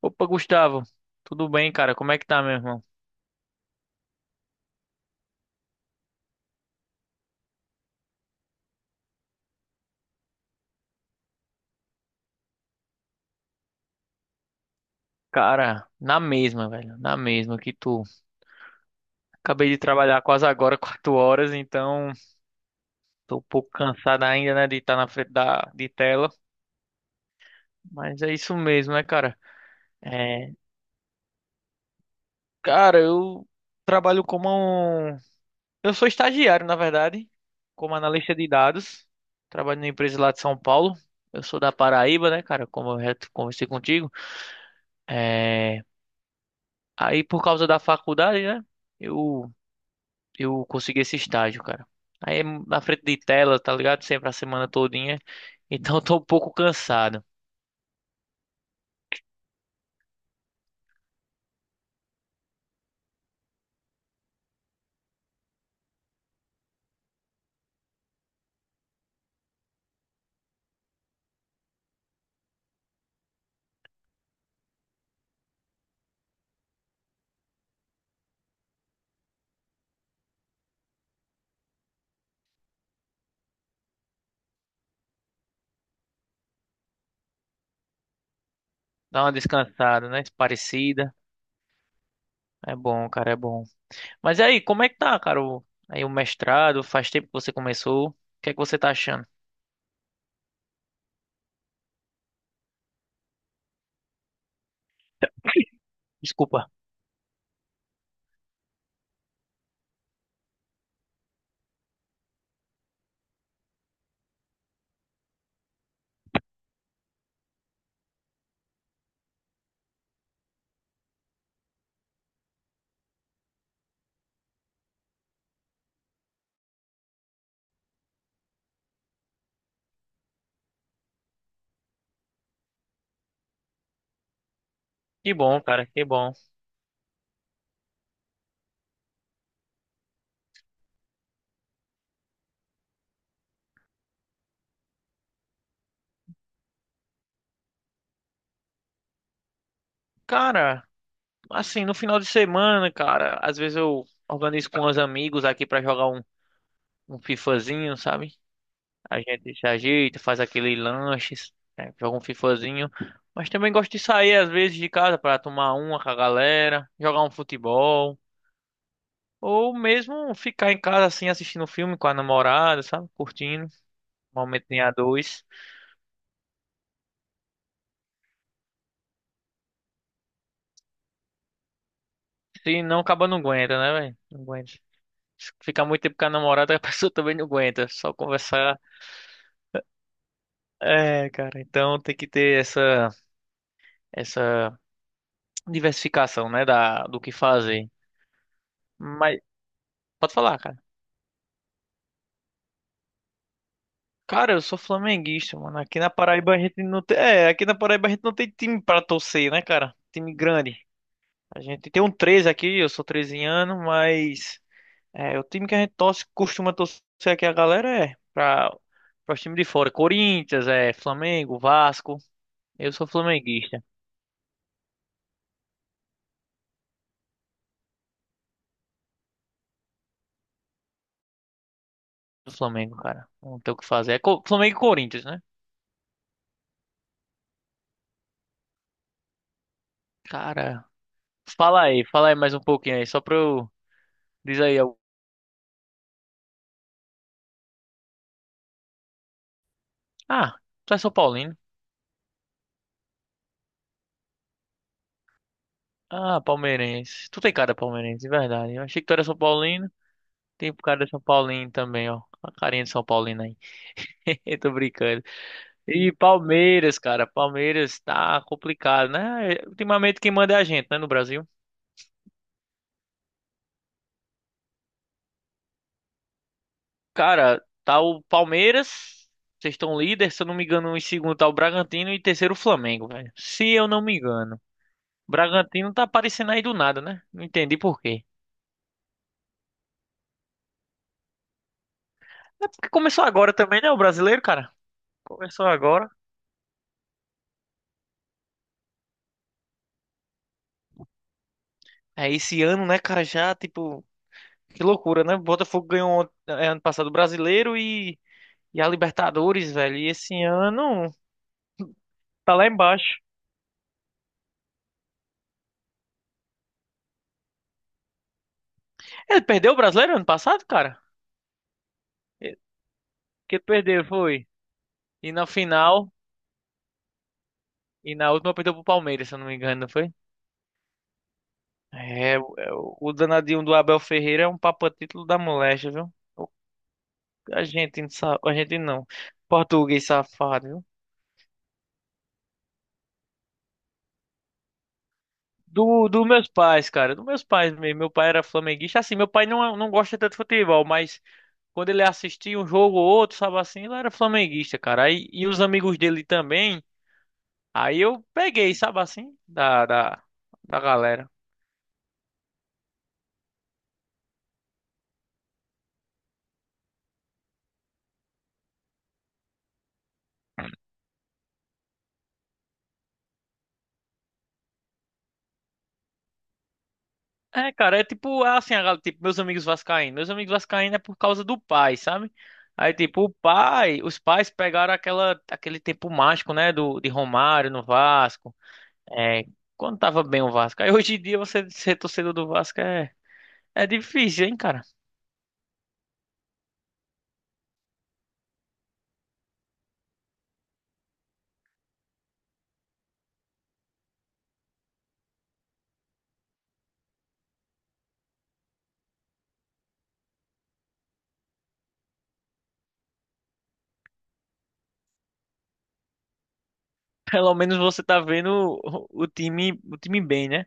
Opa, Gustavo, tudo bem, cara? Como é que tá, meu irmão? Cara, na mesma, velho, na mesma que tu. Acabei de trabalhar quase agora, 4 horas, então tô um pouco cansado ainda, né, de estar na frente da de tela, mas é isso mesmo, né, cara? É, cara, eu trabalho como um. Eu sou estagiário, na verdade, como analista de dados. Trabalho numa empresa lá de São Paulo. Eu sou da Paraíba, né, cara? Como eu já conversei contigo. É... Aí, por causa da faculdade, né? Eu eu consegui esse estágio, cara. Aí é na frente de tela, tá ligado? Sempre a semana todinha. Então eu tô um pouco cansado. Dá uma descansada, né? Parecida. É bom, cara, é bom. Mas aí, como é que tá, cara? Aí o mestrado, faz tempo que você começou. O que é que você tá achando? Desculpa. Que bom. Cara, assim, no final de semana, cara, às vezes eu organizo com os amigos aqui pra jogar um FIFAzinho, sabe? A gente se ajeita, faz aquele lanche, né, joga um fifazinho. Mas também gosto de sair às vezes de casa para tomar uma com a galera, jogar um futebol. Ou mesmo ficar em casa assim assistindo um filme com a namorada, sabe? Curtindo. Momento em a dois. Se não, acaba não aguenta, né, velho? Não aguenta. Se ficar muito tempo com a namorada, a pessoa também não aguenta. Só conversar. É, cara. Então tem que ter essa diversificação, né? Do que fazer. Mas pode falar, cara. Cara, eu sou flamenguista, mano. Aqui na Paraíba a gente não tem. É, aqui na Paraíba a gente não tem time pra torcer, né, cara? Time grande. A gente tem um 13 aqui, eu sou 13 anos, mas. É, o time que a gente torce, costuma torcer aqui a galera é pra os times de fora. Corinthians, é, Flamengo, Vasco. Eu sou flamenguista. Do Flamengo, cara. Não tem o que fazer. É Flamengo e Corinthians, né? Cara, fala aí mais um pouquinho aí, só pra eu. Diz aí algo. Ah, tu é São Paulo. Ah, palmeirense. Tu tem cara de palmeirense, de verdade. Eu achei que tu era São Paulino. Tem cara de São Paulino também, ó. A carinha de São Paulino aí. Eu tô brincando. E Palmeiras, cara. Palmeiras tá complicado, né? Ultimamente quem manda é a gente, né, no Brasil. Cara, tá o Palmeiras. Vocês estão líder, se eu não me engano, em segundo tá o Bragantino e em terceiro o Flamengo, velho. Se eu não me engano. Bragantino tá aparecendo aí do nada, né? Não entendi por quê. É porque começou agora também, né, o brasileiro, cara? Começou agora. É, esse ano, né, cara, já, tipo, que loucura, né? O Botafogo ganhou ano passado o Brasileiro e a Libertadores, velho. E esse ano tá lá embaixo. Ele perdeu o Brasileiro ano passado, cara? E- Que perdeu, foi. E na final, e na última perdeu pro Palmeiras, se eu não me engano, não foi? É. O danadinho do Abel Ferreira é um papa título da moléstia, viu? A gente não sabe, a gente não. Português safado, viu? Do meus pais, cara. Dos meus pais mesmo. Meu pai era flamenguista. Assim, meu pai não, não gosta tanto de futebol, mas quando ele assistia um jogo ou outro, sabe assim, ele era flamenguista, cara. Aí, e os amigos dele também. Aí eu peguei, sabe assim, da galera. É, cara, é tipo, é assim, tipo, meus amigos vascaínos. Meus amigos vascaínos é por causa do pai, sabe? Aí, tipo, o pai, os pais pegaram aquele tempo mágico, né, de Romário no Vasco. É, quando tava bem o Vasco. Aí hoje em dia você ser torcedor do Vasco é difícil, hein, cara? Pelo menos você tá vendo o time bem, né?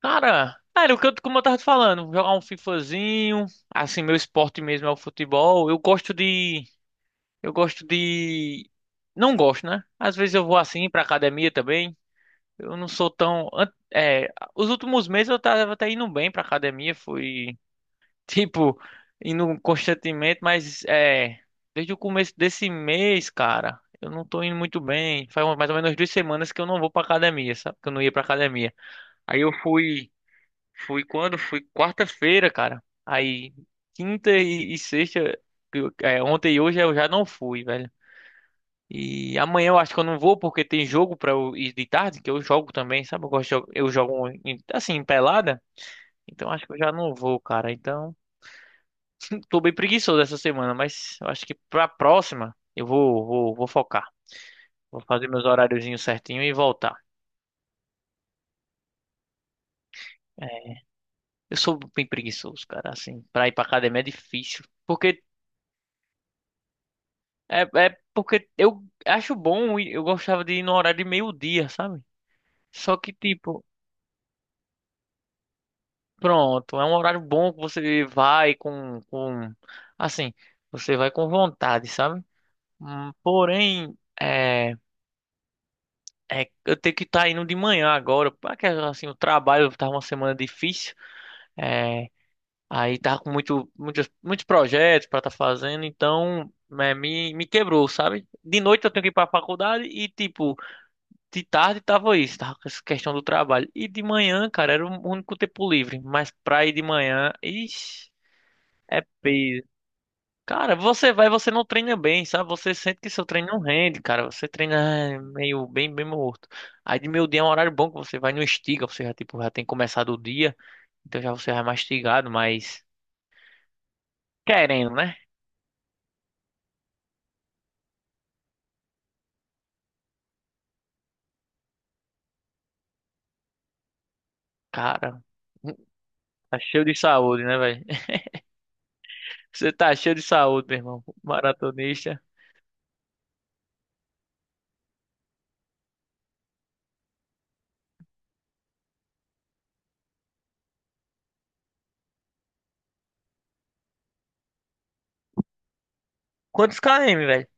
Cara, era o que eu, como eu tava te falando, jogar um FIFAzinho, assim, meu esporte mesmo é o futebol. Eu gosto de, não gosto, né? Às vezes eu vou assim pra academia também. Eu não sou tão, os últimos meses eu tava até indo bem pra academia, fui tipo, indo constantemente, mas é. Desde o começo desse mês, cara, eu não tô indo muito bem. Faz mais ou menos 2 semanas que eu não vou pra academia, sabe? Que eu não ia pra academia. Aí eu fui. Fui quando? Fui quarta-feira, cara. Aí, quinta e sexta. Ontem e hoje eu já não fui, velho. E amanhã eu acho que eu não vou porque tem jogo pra eu ir de tarde, que eu jogo também, sabe? Eu gosto de, jo- eu jogo assim, em pelada. Então acho que eu já não vou, cara. Então. Tô bem preguiçoso essa semana, mas eu acho que pra próxima eu vou focar. Vou fazer meus horáriozinhos certinho e voltar. É, eu sou bem preguiçoso, cara, assim, pra ir pra academia é difícil. Porque, é, é porque eu acho bom, e eu gostava de ir no horário de meio-dia, sabe? Só que, tipo, pronto, é um horário bom que você vai assim, você vai com vontade, sabe? Porém, é. É, eu tenho que estar indo de manhã agora, porque assim, o trabalho tá uma semana difícil, é, aí tá com muitos projetos para estar fazendo, então é, me quebrou, sabe? De noite eu tenho que ir para a faculdade e, tipo, de tarde tava isso, tava com essa questão do trabalho. E de manhã, cara, era o único tempo livre, mas pra ir de manhã, ixi, é peso. Cara, você vai, você não treina bem, sabe? Você sente que seu treino não rende, cara. Você treina meio bem, bem morto. Aí de meio dia é um horário bom que você vai no estiga, você já tipo já tem começado o dia, então já você vai mastigado, mas querendo, né? Cara, tá cheio de saúde, né, velho? Você tá cheio de saúde, meu irmão, maratonista. Quantos km, velho?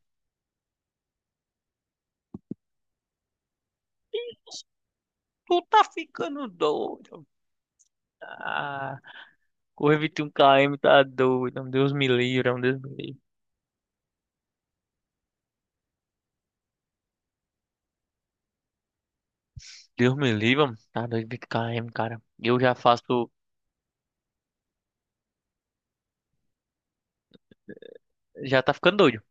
Tu tá ficando doido. Ah, correr 21 km tá doido. Deus me livre, é um Deus me livre. Deus me livre, mano. Tá doido, 20 km, cara. Eu já faço. Já tá ficando doido.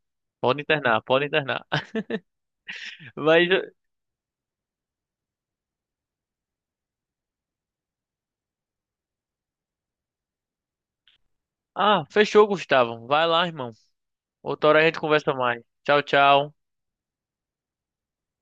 Pode internar, pode internar. Mas. Ah, fechou, Gustavo. Vai lá, irmão. Outra hora a gente conversa mais. Tchau, tchau.